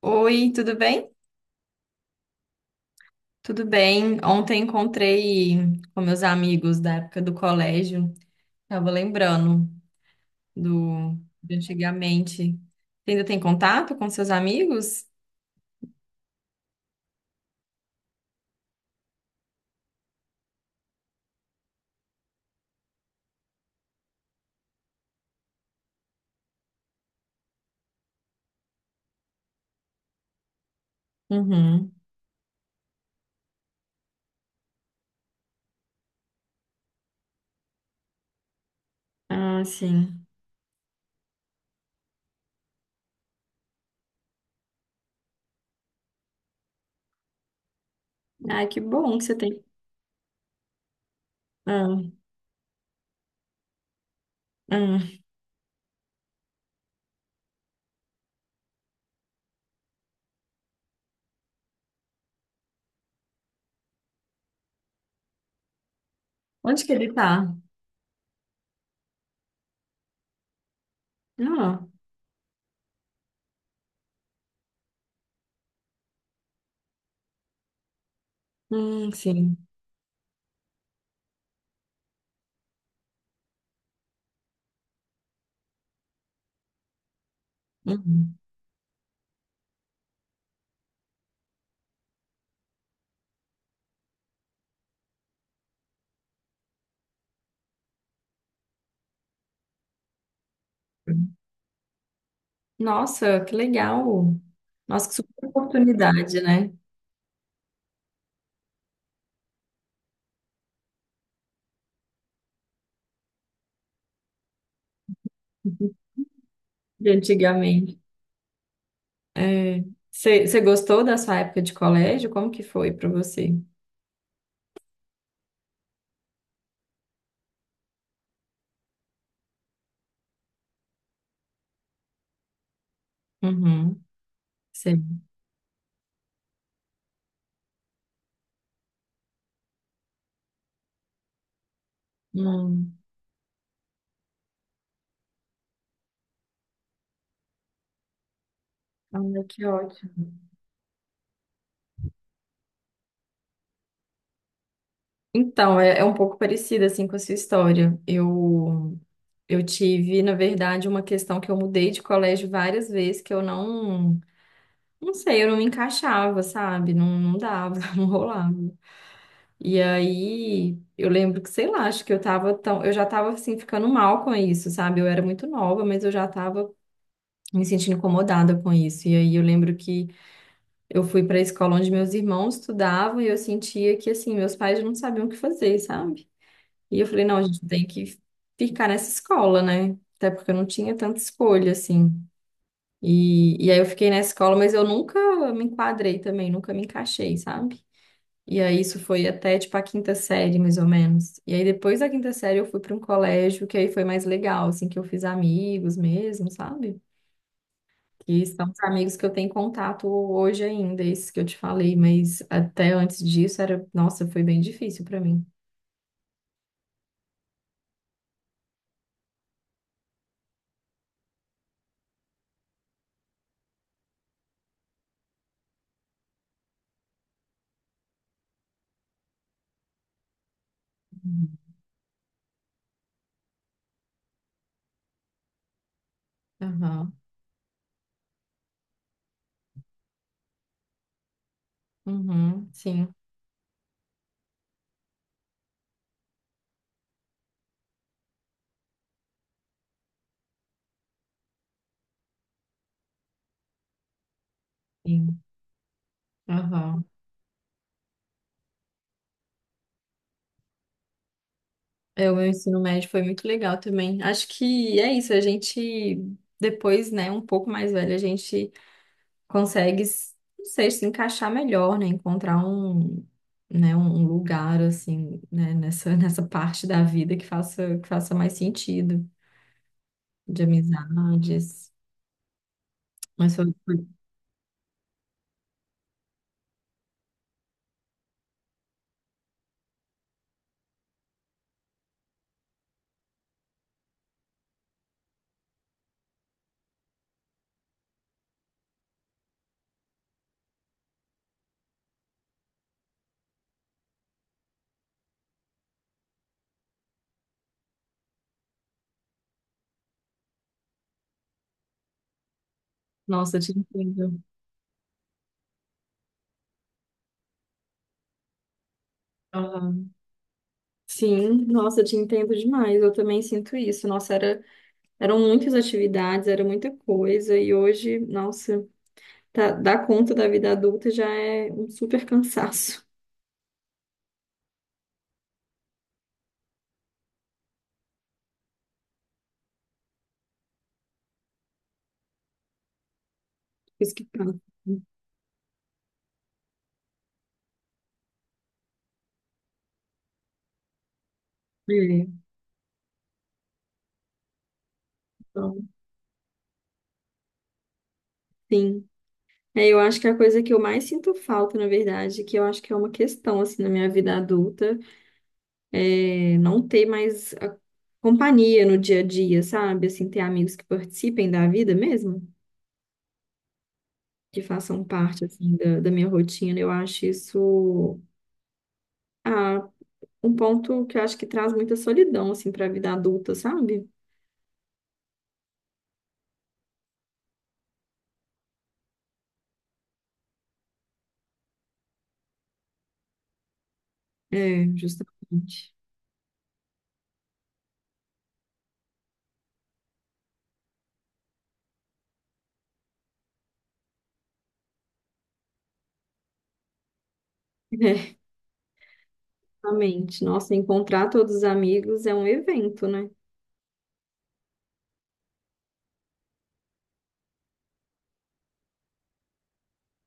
Oi, tudo bem? Tudo bem. Ontem encontrei com meus amigos da época do colégio. Tava lembrando do de antigamente. Você ainda tem contato com seus amigos? Uhum. Ah, sim. Ai, que bom que você tem. Ah, ah. Onde que ele tá? Ah, sim. Uhum. Nossa, que legal. Nossa, que super oportunidade, né? De antigamente. É. Você gostou da sua época de colégio? Como que foi para você? Uhum. Sei. Hum. Olha, que ótimo. Então, é, é um pouco parecida assim com a sua história. Eu tive, na verdade, uma questão que eu mudei de colégio várias vezes que eu não sei, eu não me encaixava, sabe? Não, não dava, não rolava. E aí, eu lembro que, sei lá, acho que eu tava tão, eu já tava assim ficando mal com isso, sabe? Eu era muito nova, mas eu já tava me sentindo incomodada com isso. E aí eu lembro que eu fui para a escola onde meus irmãos estudavam e eu sentia que assim, meus pais não sabiam o que fazer, sabe? E eu falei, não, a gente tem que ficar nessa escola, né? Até porque eu não tinha tanta escolha assim. E aí eu fiquei nessa escola, mas eu nunca me enquadrei também, nunca me encaixei, sabe? E aí isso foi até tipo a quinta série, mais ou menos. E aí depois da quinta série eu fui para um colégio que aí foi mais legal, assim, que eu fiz amigos mesmo, sabe? Que são os amigos que eu tenho contato hoje ainda, esses que eu te falei, mas até antes disso era, nossa, foi bem difícil para mim. Uhum. Aham, uhum, sim, sim, aham. É, o meu ensino médio foi muito legal também. Acho que é isso, a gente, depois, né, um pouco mais velho, a gente consegue, não sei, se encaixar melhor, né, encontrar um, né, um lugar, assim, né, nessa, nessa parte da vida que faça mais sentido, de amizades. Mas foi... Nossa, eu te entendo. Aham. Sim, nossa, eu te entendo demais. Eu também sinto isso. Nossa, era, eram muitas atividades, era muita coisa. E hoje, nossa, tá, dar conta da vida adulta já é um super cansaço. Isso que passa. É, então, sim. É, eu acho que a coisa que eu mais sinto falta, na verdade, que eu acho que é uma questão, assim, na minha vida adulta, é não ter mais a companhia no dia a dia, sabe? Assim, ter amigos que participem da vida mesmo. Que façam parte assim da minha rotina. Eu acho isso ah, um ponto que eu acho que traz muita solidão assim para a vida adulta, sabe? É, justamente. É, justamente. Nossa, encontrar todos os amigos é um evento, né?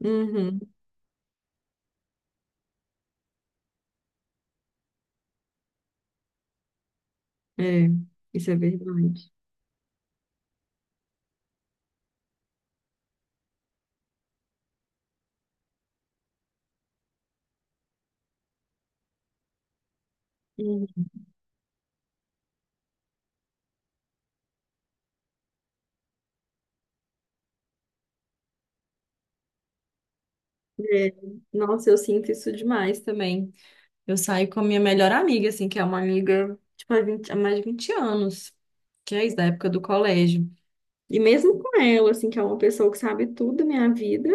Uhum. É, isso é verdade. Uhum. É, nossa, eu sinto isso demais também. Eu saio com a minha melhor amiga, assim, que é uma amiga, tipo, há mais de 20 anos, que é isso, da época do colégio. E mesmo com ela, assim, que é uma pessoa que sabe tudo da minha vida,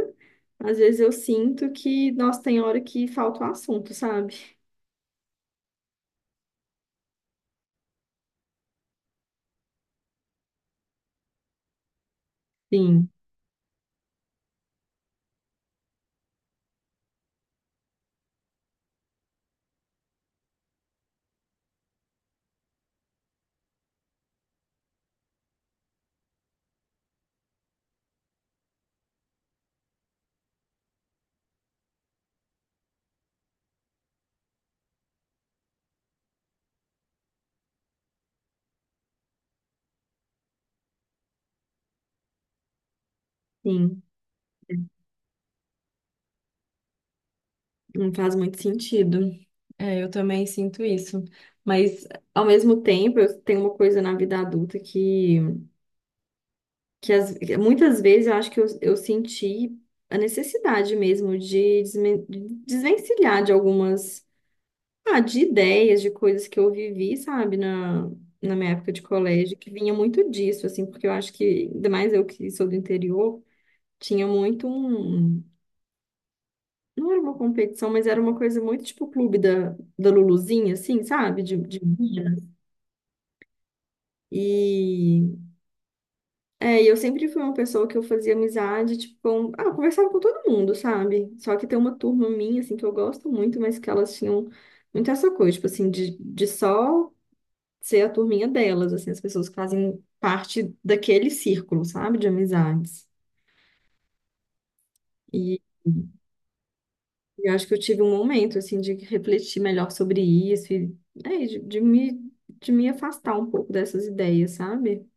às vezes eu sinto que, nossa, tem hora que falta o assunto, sabe? Sim. Sim, não faz muito sentido. É, eu também sinto isso. Mas, ao mesmo tempo, eu tenho uma coisa na vida adulta que muitas vezes eu acho que eu senti a necessidade mesmo de de desvencilhar de algumas. Ah, de ideias, de coisas que eu vivi, sabe, na, na minha época de colégio, que vinha muito disso, assim, porque eu acho que, ainda mais eu que sou do interior, tinha muito um. Não era uma competição, mas era uma coisa muito tipo o clube da Luluzinha, assim, sabe? De menina. E é, e eu sempre fui uma pessoa que eu fazia amizade, tipo, com, ah, eu conversava com todo mundo, sabe? Só que tem uma turma minha, assim, que eu gosto muito, mas que elas tinham muito essa coisa, tipo assim, de só. Ser a turminha delas, assim, as pessoas que fazem parte daquele círculo, sabe, de amizades. E eu acho que eu tive um momento, assim, de refletir melhor sobre isso e, é, de, de me afastar um pouco dessas ideias, sabe?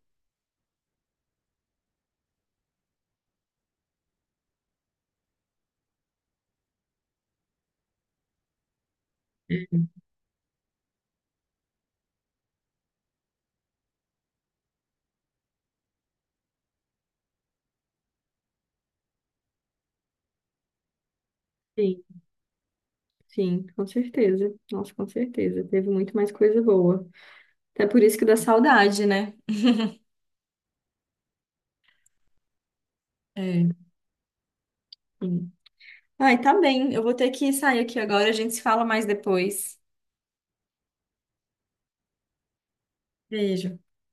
Sim, sim, com certeza. Nossa, com certeza. Teve muito mais coisa boa. Até por isso que dá saudade, né? É, sim. Ai, tá bem. Eu vou ter que sair aqui agora. A gente se fala mais depois. Beijo.